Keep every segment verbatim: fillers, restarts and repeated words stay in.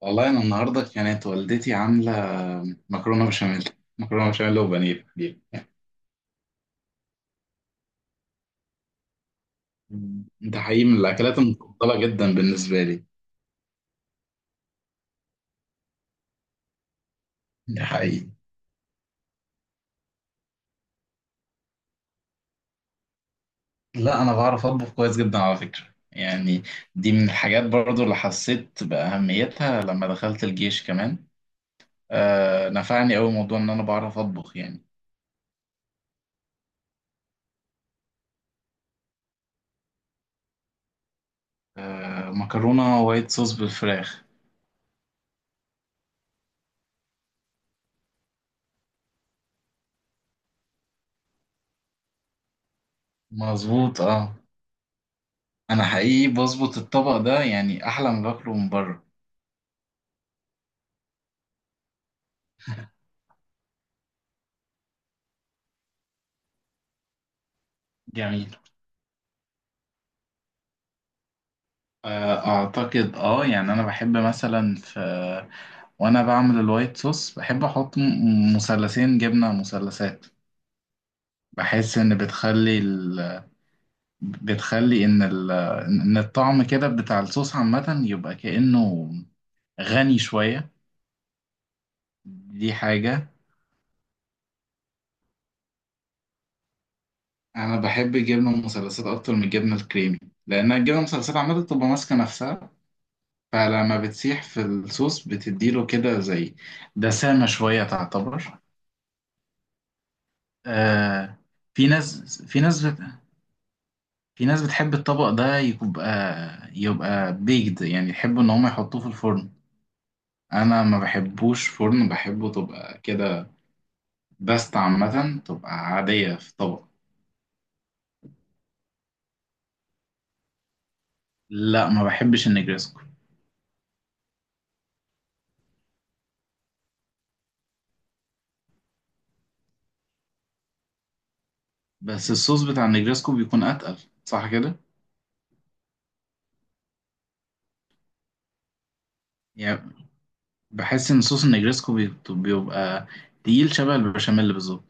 والله انا النهارده كانت والدتي عامله مكرونه بشاميل مكرونه بشاميل وبانيه دي. ده حقيقي من الاكلات المفضله جدا بالنسبه لي. ده حقيقي. لا، انا بعرف اطبخ كويس جدا على فكره يعني. دي من الحاجات برضو اللي حسيت باهميتها لما دخلت الجيش كمان. آه، نفعني أوي موضوع ان انا بعرف اطبخ يعني. آه، مكرونه وايت صوص بالفراخ. مظبوط، اه. انا حقيقي بظبط الطبق ده يعني احلى ما باكله من بره. جميل. آه، اعتقد اه يعني انا بحب مثلا في. وانا بعمل الوايت صوص بحب احط م- مثلثين جبنه مثلثات. بحس ان بتخلي ال... بتخلي ان ال... ان الطعم كده بتاع الصوص عامه يبقى كانه غني شويه. دي حاجه. انا بحب الجبنه المثلثات اكتر من الجبنه الكريمي، لان الجبنه المثلثات عامه بتبقى ماسكه نفسها. فلما بتسيح في الصوص بتديله كده زي دسامه شويه تعتبر. آه. في ناس في ناس بت... في ناس بتحب الطبق ده يبقى يبقى بيكد يعني يحبوا ان هم يحطوه في الفرن. انا ما بحبوش فرن، بحبه تبقى كده باستا عامه تبقى عاديه في طبق. لا، ما بحبش النجريسكو. بس الصوص بتاع النجريسكو بيكون اتقل، صح كده. يعني بحس ان صوص النجريسكو بيبقى بيبقى تقيل شبه البشاميل بالظبط.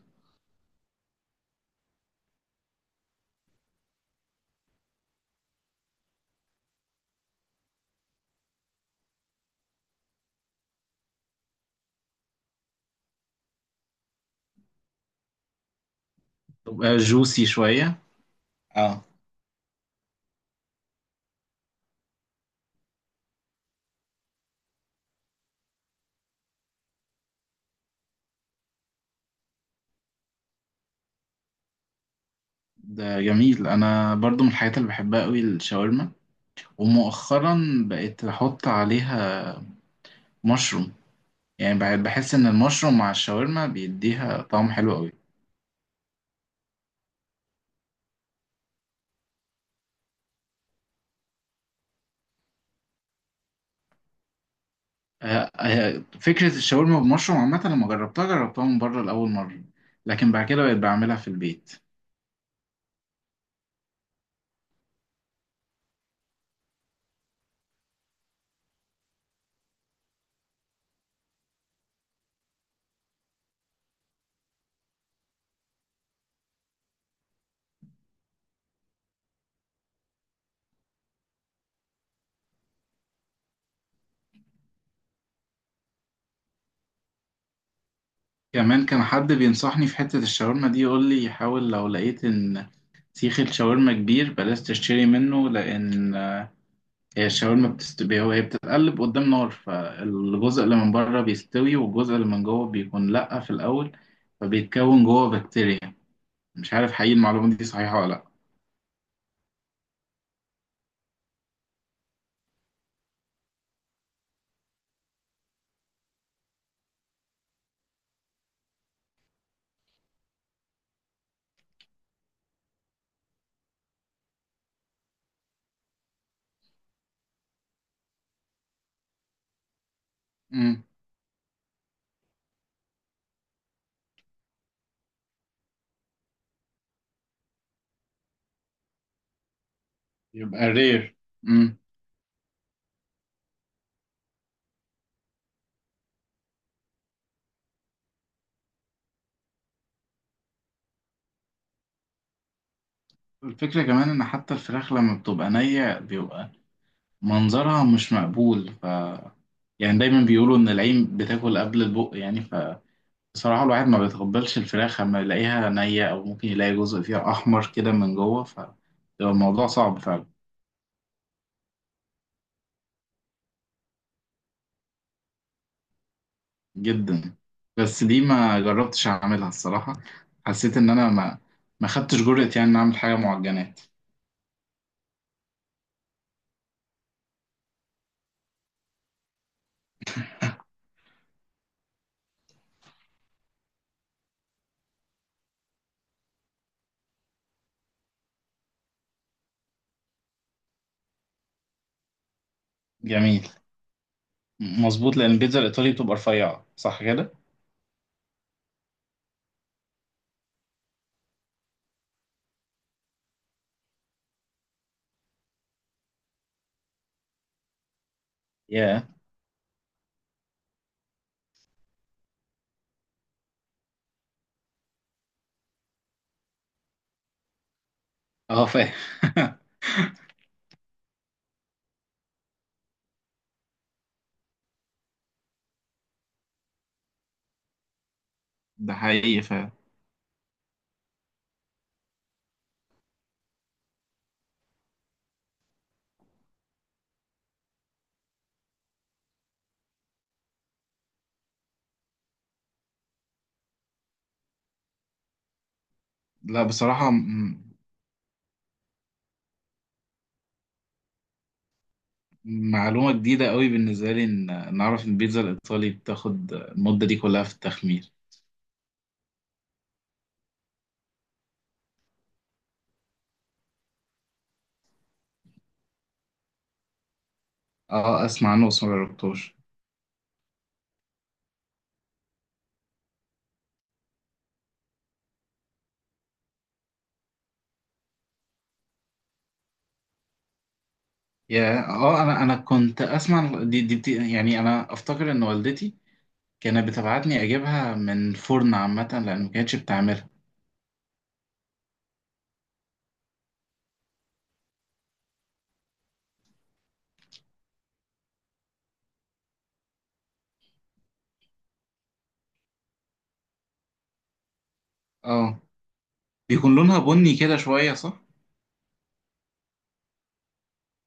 بيبقى جوسي شويه. اه. ده جميل، انا برضو من الحاجات اللي بحبها قوي الشاورما. ومؤخرا بقيت احط عليها مشروم. يعني بح- بحس ان المشروم مع الشاورما بيديها طعم حلو قوي. آه، آه، فكرة الشاورما بمشروم عامة لما جربتها جربتها من بره لأول مرة. لكن بعد كده بقيت بعملها في البيت. كمان كان حد بينصحني في حتة الشاورما دي، يقول لي حاول لو لقيت إن سيخ الشاورما كبير بلاش تشتري منه، لأن هي الشاورما بتستوي، هو هي بتتقلب قدام نار، فالجزء اللي من بره بيستوي والجزء اللي من جوه بيكون لأ في الأول، فبيتكون جوه بكتيريا. مش عارف حقيقي المعلومة دي صحيحة ولا لأ. مم. يبقى رير. مم. الفكرة كمان إن حتى الفراخ لما بتبقى نية بيبقى منظرها مش مقبول، ف يعني دايما بيقولوا إن العين بتاكل قبل البق يعني، فبصراحة الواحد ما بيتقبلش الفراخ لما يلاقيها نية أو ممكن يلاقي جزء فيها أحمر كده من جوه، ف بيبقى الموضوع صعب فعلا. جدا. بس دي ما جربتش اعملها الصراحة. حسيت ان انا ما ما خدتش جرأة يعني ان اعمل حاجة معجنات. جميل. مظبوط، لان البيتزا الايطالي بتبقى رفيعة، صح كده. ياه. اه، فاهم. ده حقيقي، فاهم. لا بصراحة م- معلومة جديدة قوي بالنسبة لي ان نعرف ان البيتزا الايطالي بتاخد المدة دي كلها في التخمير. اه، اسمع عنه بس ما جربتوش. يا اه انا انا كنت اسمع دي دي بت- يعني انا افتكر ان والدتي كانت بتبعتني اجيبها من فرن عامة لان ما كانتش بتعملها. اه، بيكون لونها بني كده شوية، صح؟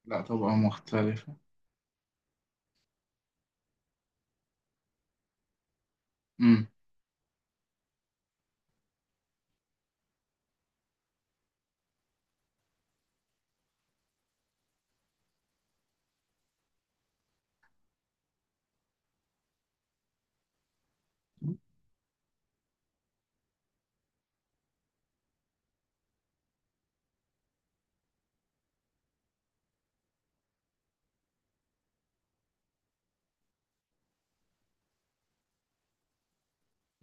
لا، طبقة مختلفة. امم.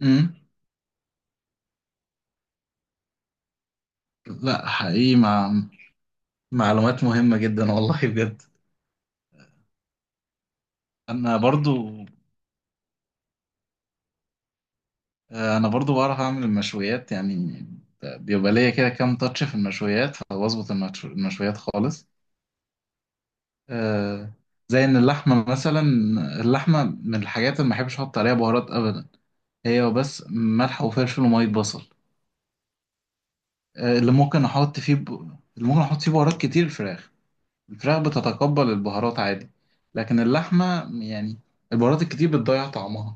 امم. لا حقيقي مع... معلومات مهمة جدا والله بجد. انا برضو انا برضو بعرف اعمل المشويات يعني. بيبقى ليا كده كام تاتش في المشويات، فبظبط المشو- المشويات خالص. آه، زي ان اللحمه مثلا. اللحمه من الحاجات اللي ما بحبش احط عليها بهارات ابدا. هي بس ملح وفلفل وميه بصل. آه، اللي ممكن احط فيه ب... اللي ممكن احط فيه بهارات كتير الفراخ. الفراخ بتتقبل البهارات عادي، لكن اللحمة يعني البهارات الكتير بتضيع طعمها.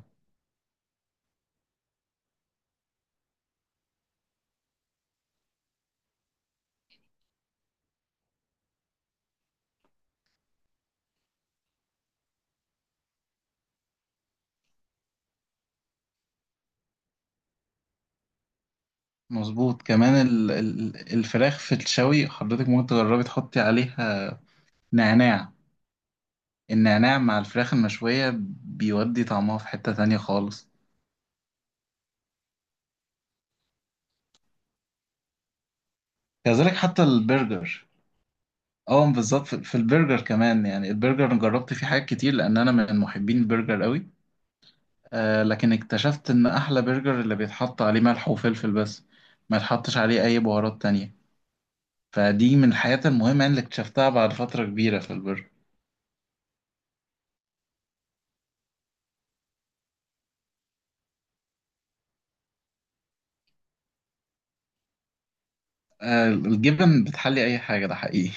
مظبوط. كمان ال... ال- الفراخ في الشوي حضرتك ممكن تجربي تحطي عليها نعناع. النعناع مع الفراخ المشوية بيودي طعمها في حتة تانية خالص. كذلك حتى البرجر. اه بالظبط، في في البرجر كمان، يعني البرجر أنا جربت فيه حاجات كتير لان انا من محبين البرجر قوي. آه، لكن اكتشفت ان احلى برجر اللي بيتحط عليه ملح وفلفل بس، ما يتحطش عليه اي بهارات تانية. فدي من الحاجات المهمة يعني اللي اكتشفتها بعد فترة كبيرة في البرجر. آه، الجبن بتحلي اي حاجة، ده حقيقي.